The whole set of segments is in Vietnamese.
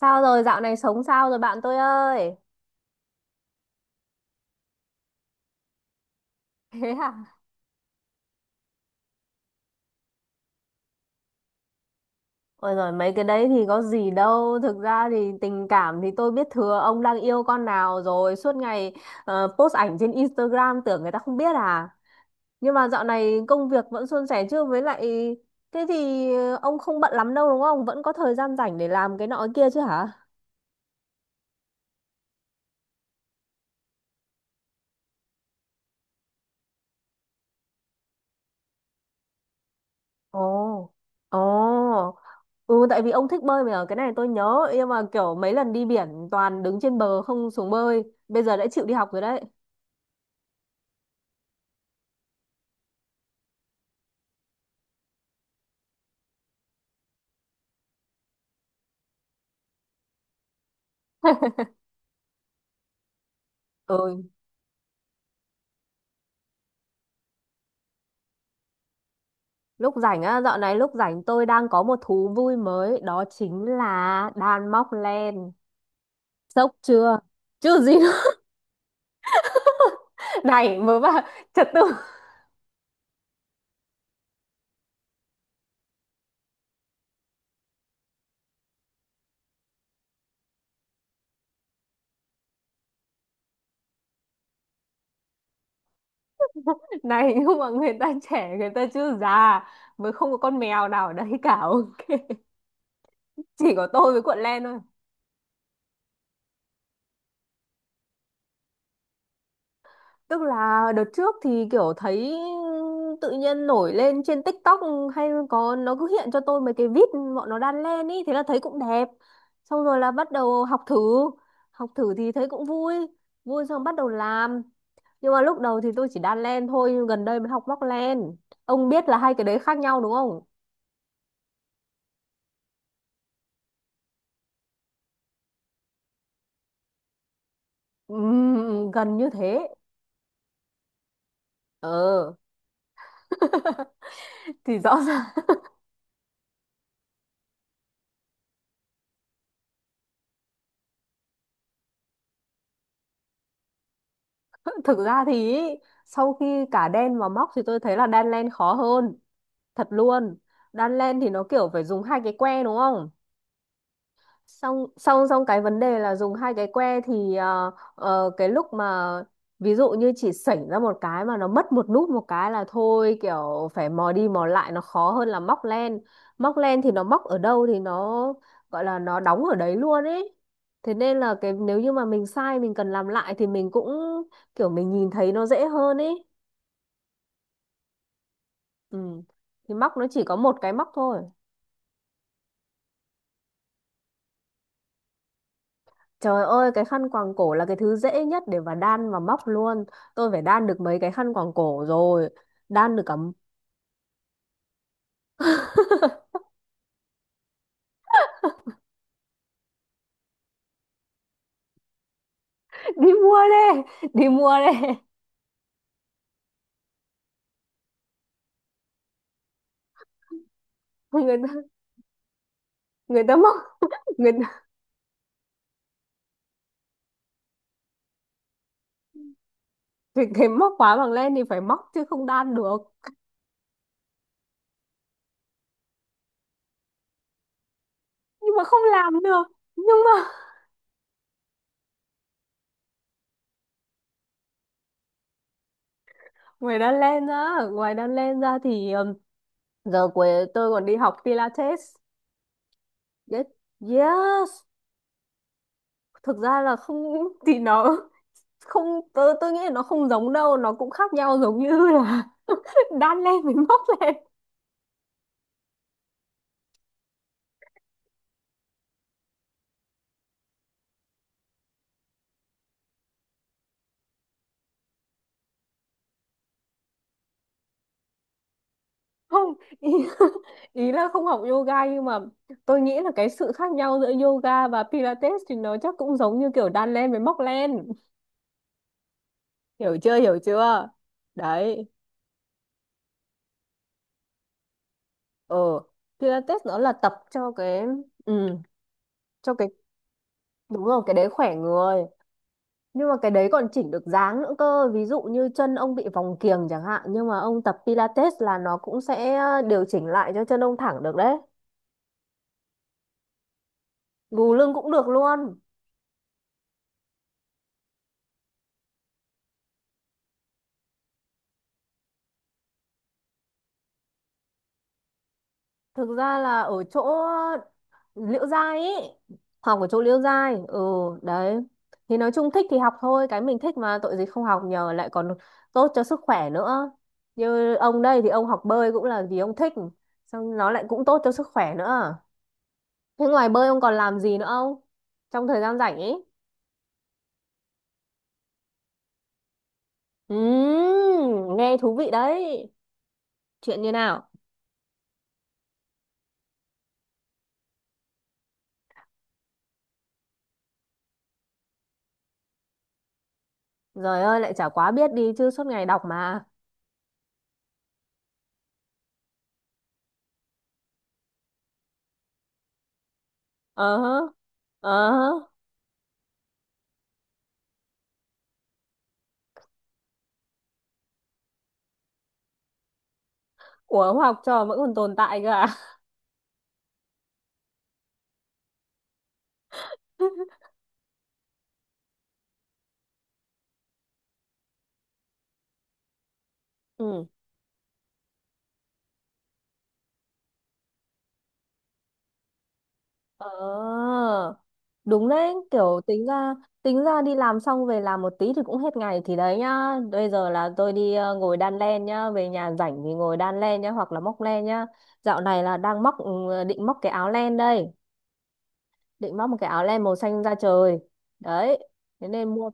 Sao rồi dạo này sống sao rồi bạn tôi ơi? Thế à? Ôi rồi mấy cái đấy thì có gì đâu. Thực ra thì tình cảm thì tôi biết thừa ông đang yêu con nào rồi. Suốt ngày post ảnh trên Instagram tưởng người ta không biết à. Nhưng mà dạo này công việc vẫn suôn sẻ chứ với lại thế thì ông không bận lắm đâu đúng không? Vẫn có thời gian rảnh để làm cái nọ cái kia chứ hả? Ồ. Ồ. Ừ, tại vì ông thích bơi mà cái này tôi nhớ, nhưng mà kiểu mấy lần đi biển toàn đứng trên bờ không xuống bơi. Bây giờ đã chịu đi học rồi đấy. Ừ, lúc rảnh á, dạo này lúc rảnh tôi đang có một thú vui mới, đó chính là đan móc len. Sốc chưa? Chứ gì nữa. Này, mới bảo trật tự. Này, nhưng mà người ta trẻ, người ta chưa già. Mới không có con mèo nào ở đấy cả. Chỉ có tôi với cuộn len thôi. Tức là đợt trước thì kiểu thấy tự nhiên nổi lên trên TikTok, hay có nó cứ hiện cho tôi mấy cái vít bọn nó đan len ý, thế là thấy cũng đẹp. Xong rồi là bắt đầu học thử thì thấy cũng vui, vui xong bắt đầu làm. Nhưng mà lúc đầu thì tôi chỉ đan len thôi, nhưng gần đây mới học móc len. Ông biết là hai cái đấy khác nhau đúng không? Gần như thế. Ờ, thì rõ ràng. Thực ra thì ý, sau khi cả đan và móc thì tôi thấy là đan len khó hơn thật luôn. Đan len thì nó kiểu phải dùng hai cái que đúng không, xong xong xong cái vấn đề là dùng hai cái que thì cái lúc mà ví dụ như chỉ sảnh ra một cái mà nó mất một nút một cái là thôi, kiểu phải mò đi mò lại, nó khó hơn là móc len. Móc len thì nó móc ở đâu thì nó gọi là nó đóng ở đấy luôn ấy, thế nên là cái nếu như mà mình sai mình cần làm lại thì mình cũng kiểu mình nhìn thấy nó dễ hơn ấy. Ừ, thì móc nó chỉ có một cái móc thôi. Trời ơi, cái khăn quàng cổ là cái thứ dễ nhất để mà đan và móc luôn. Tôi phải đan được mấy cái khăn quàng cổ rồi. Đan được cả... Đi mua đi, đi mua đi. Người ta, người ta móc, người ta, cái móc khóa bằng len thì phải móc chứ không đan được. Nhưng mà không làm được. Nhưng mà ngoài đan len ra, ngoài đan len ra thì giờ cuối tôi còn đi học Pilates. Yes, yes. Thực ra là không thì nó không, tôi nghĩ là nó không giống đâu, nó cũng khác nhau giống như là đan lên mình móc lên. Không ý, ý là không học yoga nhưng mà tôi nghĩ là cái sự khác nhau giữa yoga và pilates thì nó chắc cũng giống như kiểu đan lên với móc lên. Hiểu chưa, hiểu chưa. Đấy. Ờ, pilates nó là tập cho cái, ừ, cho cái, đúng rồi, cái đấy khỏe người. Nhưng mà cái đấy còn chỉnh được dáng nữa cơ, ví dụ như chân ông bị vòng kiềng chẳng hạn, nhưng mà ông tập pilates là nó cũng sẽ điều chỉnh lại cho chân ông thẳng được đấy. Gù lưng cũng được luôn. Thực ra là ở chỗ Liễu Giai ý, học ở chỗ Liễu Giai. Ừ, đấy thì nói chung thích thì học thôi, cái mình thích mà tội gì không học nhờ, lại còn tốt cho sức khỏe nữa. Như ông đây thì ông học bơi cũng là vì ông thích, xong nó lại cũng tốt cho sức khỏe nữa. Thế ngoài bơi ông còn làm gì nữa không, trong thời gian rảnh ấy? Nghe thú vị đấy, chuyện như nào? Rồi ơi lại chả quá biết đi chứ, suốt ngày đọc mà. Ờ hớ, ờ hớ. Ủa học trò vẫn còn tồn tại cơ à? Ừ. Ờ, đúng đấy, kiểu tính ra, tính ra đi làm xong về làm một tí thì cũng hết ngày thì đấy nhá. Bây giờ là tôi đi ngồi đan len nhá, về nhà rảnh thì ngồi đan len nhá, hoặc là móc len nhá. Dạo này là đang móc, ừ, định móc cái áo len đây, định móc một cái áo len màu xanh da trời. Đấy, thế nên mua,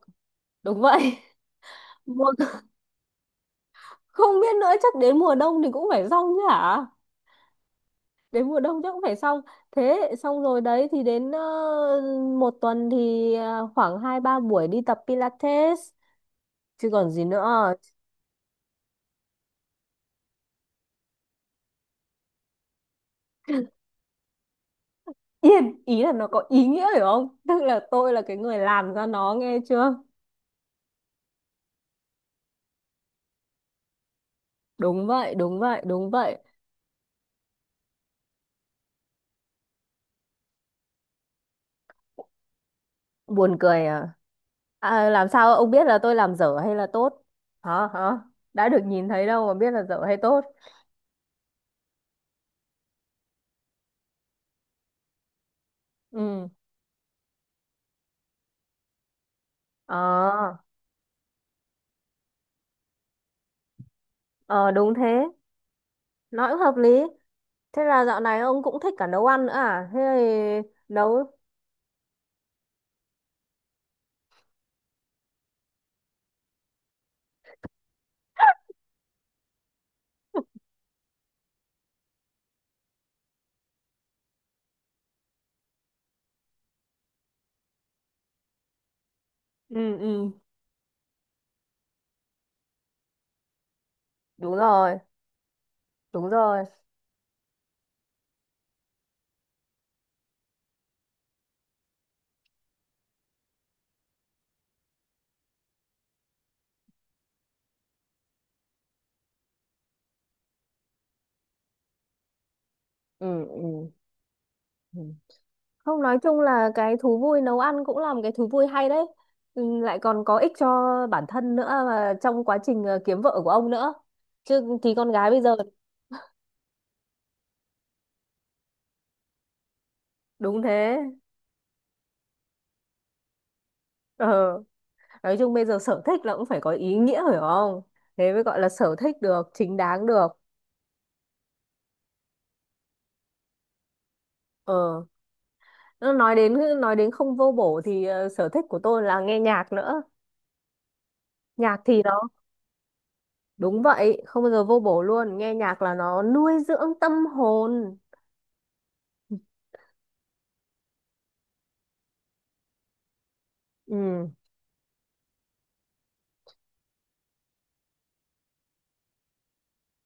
đúng vậy. Mua không biết nữa, chắc đến mùa đông thì cũng phải xong chứ hả? Đến mùa đông chắc cũng phải xong. Thế xong rồi đấy thì đến một tuần thì khoảng hai ba buổi đi tập Pilates chứ còn gì nữa. Yên ý là nó có ý nghĩa hiểu không, tức là tôi là cái người làm ra nó nghe chưa. Đúng vậy, đúng vậy, đúng vậy. Buồn cười à, à làm sao ông biết là tôi làm dở hay là tốt? Hả, hả? Đã được nhìn thấy đâu mà biết là dở hay tốt. Ừ. Ờ. Ờ, đúng thế. Nói cũng hợp lý. Thế là dạo này ông cũng thích cả nấu ăn nữa à? Thế thì nấu... Ừ, ừ, đúng rồi, đúng rồi. Ừ, ừ. Ừ. Không, nói chung là cái thú vui nấu ăn cũng là một cái thú vui hay đấy. Ừ, lại còn có ích cho bản thân nữa, và trong quá trình kiếm vợ của ông nữa. Chứ thì con gái bây giờ đúng thế. Ờ, nói chung bây giờ sở thích là cũng phải có ý nghĩa phải không? Thế mới gọi là sở thích được, chính đáng được. Ờ. Nó nói đến, nói đến không vô bổ thì sở thích của tôi là nghe nhạc nữa. Nhạc thì nó đúng vậy, không bao giờ vô bổ luôn, nghe nhạc là nó nuôi dưỡng tâm hồn. Ừ.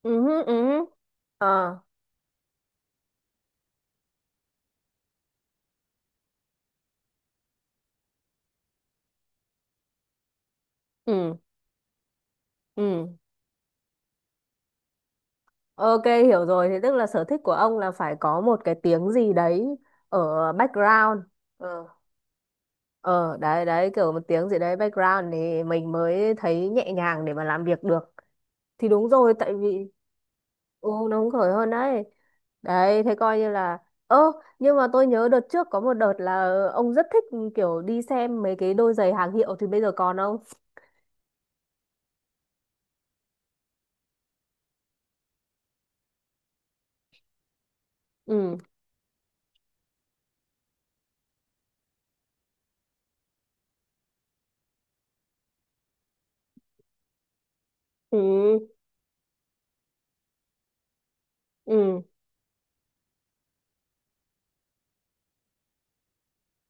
Ừ hứ, ừ hứ. Ờ. Ừ. Ừ. Ok, hiểu rồi, thế tức là sở thích của ông là phải có một cái tiếng gì đấy ở background. Ờ. Ờ, đấy đấy, kiểu một tiếng gì đấy background thì mình mới thấy nhẹ nhàng để mà làm việc được. Thì đúng rồi, tại vì ừ, nó hứng khởi hơn đấy. Đấy, thế coi như là... Ơ, nhưng mà tôi nhớ đợt trước có một đợt là ông rất thích, ừ, kiểu đi xem mấy cái đôi giày hàng hiệu thì bây giờ còn không? Ừ, ừ, ừ.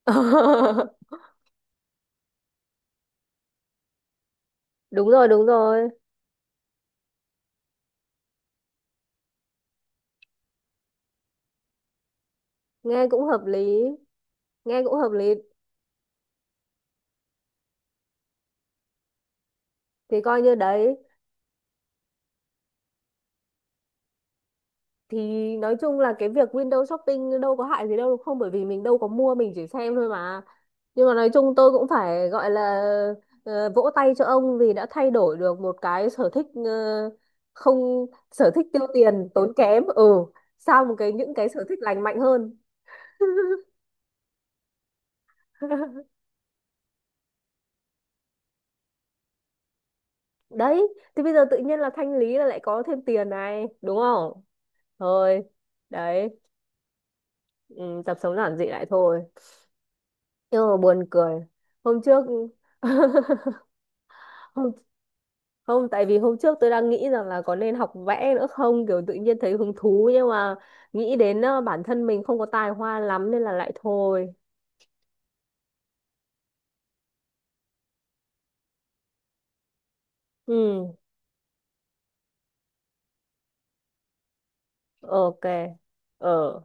Đúng rồi, đúng rồi. Nghe cũng hợp lý. Nghe cũng hợp lý. Thì coi như đấy. Thì nói chung là cái việc window shopping đâu có hại gì đâu đúng không? Bởi vì mình đâu có mua, mình chỉ xem thôi mà. Nhưng mà nói chung tôi cũng phải gọi là vỗ tay cho ông vì đã thay đổi được một cái sở thích, không, sở thích tiêu tiền tốn kém, ừ, sang một cái những cái sở thích lành mạnh hơn. Đấy, thì bây giờ tự nhiên là thanh lý là lại có thêm tiền này đúng không. Thôi đấy, ừ, tập sống giản dị lại thôi. Nhưng mà buồn cười hôm trước không, không tại vì hôm trước tôi đang nghĩ rằng là có nên học vẽ nữa không, kiểu tự nhiên thấy hứng thú, nhưng mà nghĩ đến bản thân mình không có tài hoa lắm nên là lại thôi. Ừ. Ok. Ờ.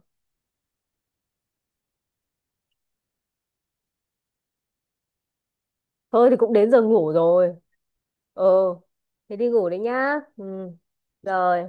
Thôi thì cũng đến giờ ngủ rồi. Ờ, thế đi ngủ đấy nhá. Ừ. Rồi.